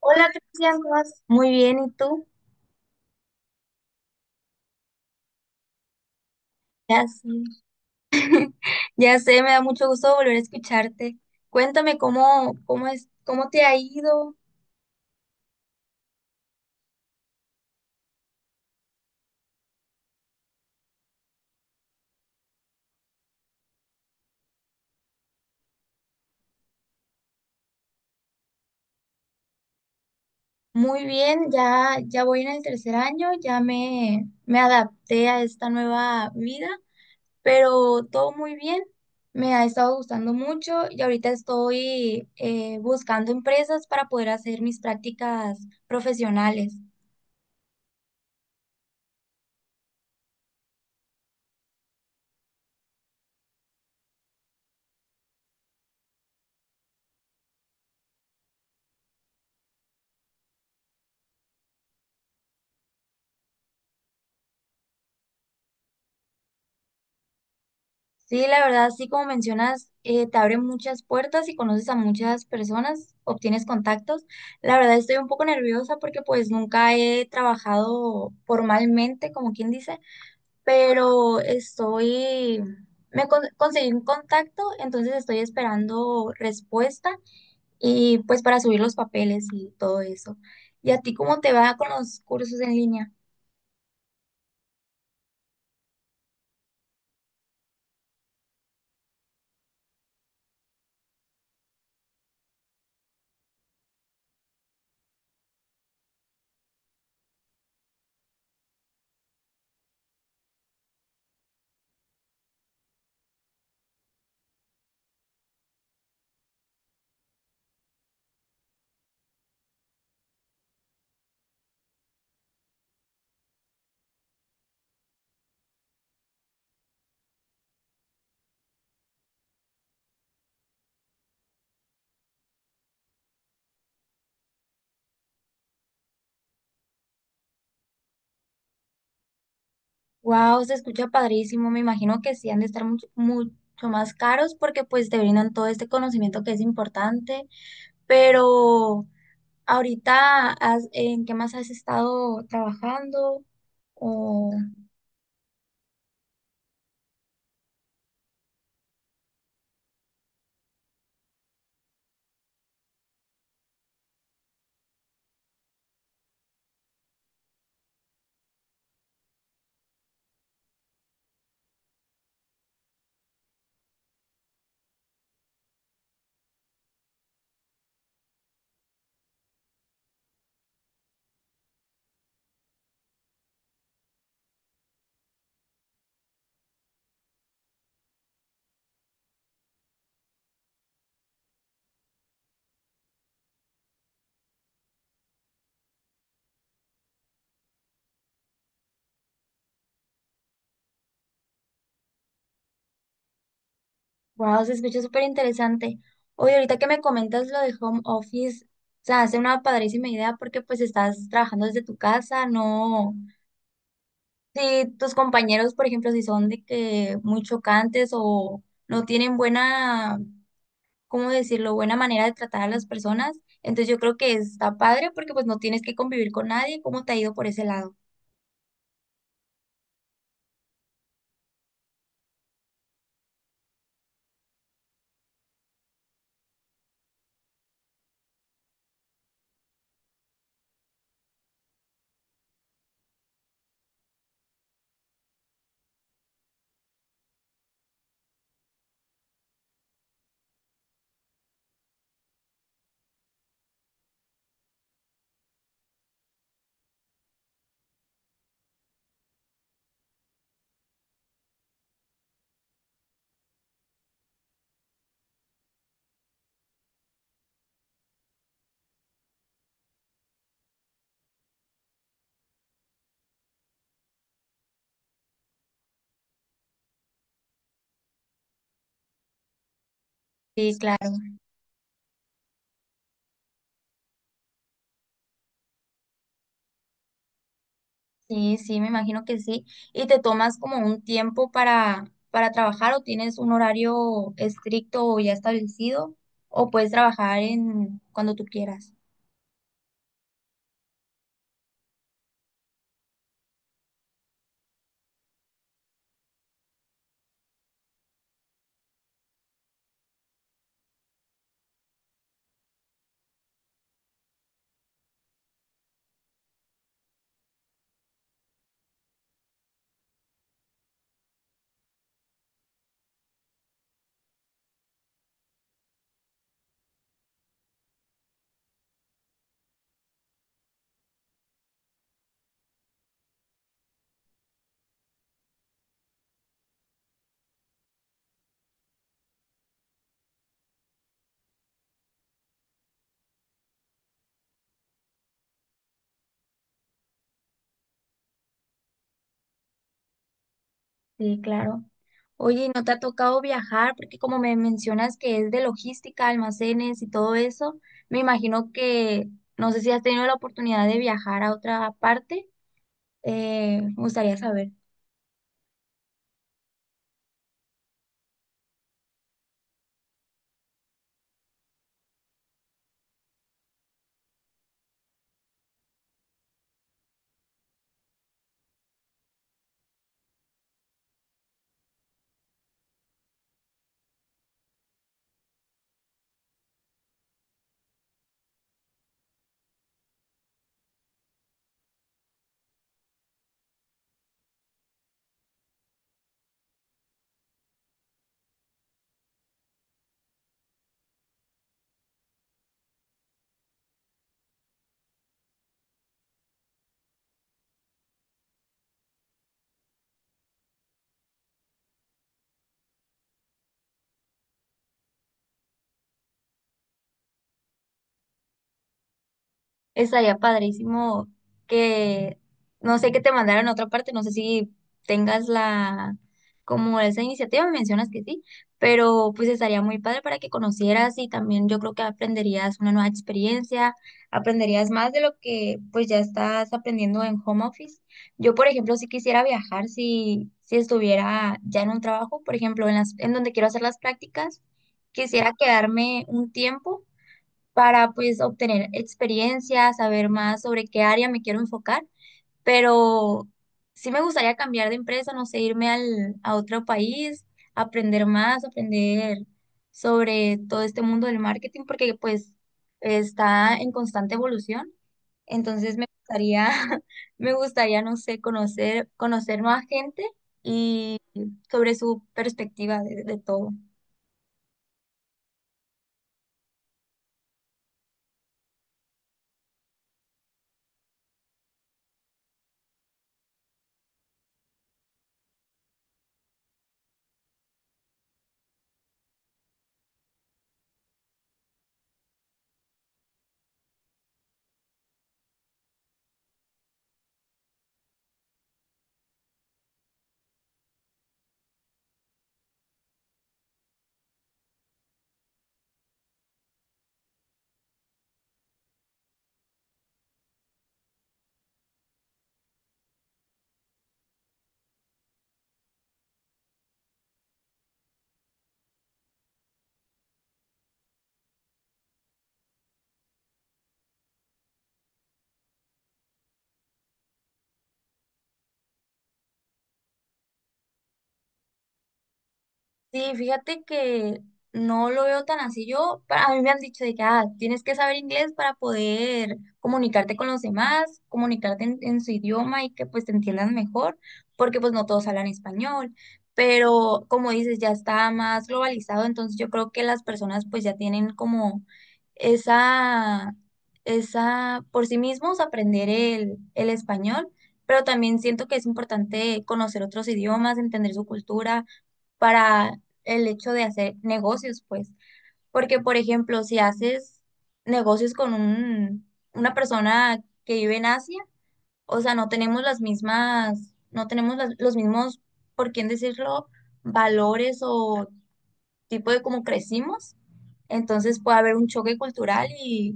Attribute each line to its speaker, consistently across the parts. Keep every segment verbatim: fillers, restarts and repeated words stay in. Speaker 1: Hola Cristian, ¿cómo vas? Muy bien, ¿y tú? Ya sé, ya sé, me da mucho gusto volver a escucharte. Cuéntame cómo, cómo es, cómo te ha ido. Muy bien, ya, ya voy en el tercer año, ya me, me adapté a esta nueva vida, pero todo muy bien. Me ha estado gustando mucho y ahorita estoy eh, buscando empresas para poder hacer mis prácticas profesionales. Sí, la verdad, sí, como mencionas, eh, te abre muchas puertas y conoces a muchas personas, obtienes contactos. La verdad, estoy un poco nerviosa porque pues nunca he trabajado formalmente, como quien dice, pero estoy, me con- conseguí un contacto, entonces estoy esperando respuesta y pues para subir los papeles y todo eso. ¿Y a ti cómo te va con los cursos en línea? Wow, se escucha padrísimo. Me imagino que sí han de estar mucho, mucho más caros porque pues te brindan todo este conocimiento que es importante. Pero ahorita, has- ¿en qué más has estado trabajando? O wow, se escucha súper interesante. Oye, ahorita que me comentas lo de home office, se hace una padrísima idea porque pues estás trabajando desde tu casa, no. Si tus compañeros, por ejemplo, si son de que muy chocantes o no tienen buena ¿cómo decirlo?, buena manera de tratar a las personas. Entonces yo creo que está padre porque pues no tienes que convivir con nadie. ¿Cómo te ha ido por ese lado? Sí, claro. Sí, sí, me imagino que sí. ¿Y te tomas como un tiempo para, para trabajar o tienes un horario estricto o ya establecido o puedes trabajar en cuando tú quieras? Sí, claro. Oye, ¿y ¿no te ha tocado viajar? Porque como me mencionas que es de logística, almacenes y todo eso, me imagino que no sé si has tenido la oportunidad de viajar a otra parte. Eh, me gustaría saber. Estaría padrísimo que, no sé, que te mandaran a otra parte, no sé si tengas la, como esa iniciativa, me mencionas que sí, pero pues estaría muy padre para que conocieras y también yo creo que aprenderías una nueva experiencia, aprenderías más de lo que pues ya estás aprendiendo en home office. Yo, por ejemplo, si quisiera viajar, si, si estuviera ya en un trabajo, por ejemplo, en las, en donde quiero hacer las prácticas, quisiera quedarme un tiempo para pues obtener experiencia, saber más sobre qué área me quiero enfocar, pero sí me gustaría cambiar de empresa, no sé, irme al, a otro país, aprender más, aprender sobre todo este mundo del marketing, porque pues está en constante evolución, entonces me gustaría, me gustaría, no sé, conocer, conocer más gente y sobre su perspectiva de de todo. Sí, fíjate que no lo veo tan así. Yo, pa- a mí me han dicho de que ah, tienes que saber inglés para poder comunicarte con los demás, comunicarte en, en su idioma y que pues te entiendan mejor, porque pues no todos hablan español. Pero como dices, ya está más globalizado, entonces yo creo que las personas pues ya tienen como esa, esa, por sí mismos aprender el, el español, pero también siento que es importante conocer otros idiomas, entender su cultura para el hecho de hacer negocios, pues. Porque, por ejemplo, si haces negocios con un, una persona que vive en Asia, o sea, no tenemos las mismas, no tenemos las- los mismos, por quién decirlo, valores o tipo de cómo crecimos. Entonces puede haber un choque cultural y,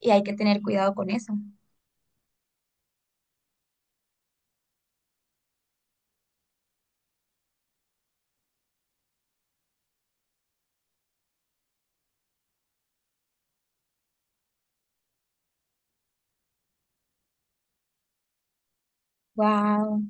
Speaker 1: y hay que tener cuidado con eso. Wow,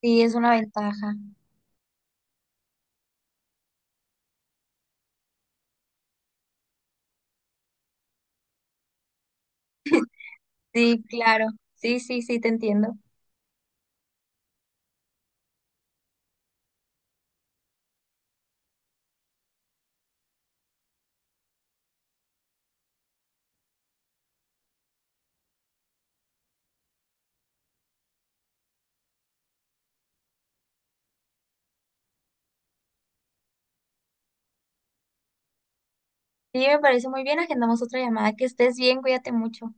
Speaker 1: sí, es una ventaja. Sí, claro. Sí, sí, sí, te entiendo. Sí, me parece muy bien. Agendamos otra llamada. Que estés bien, cuídate mucho.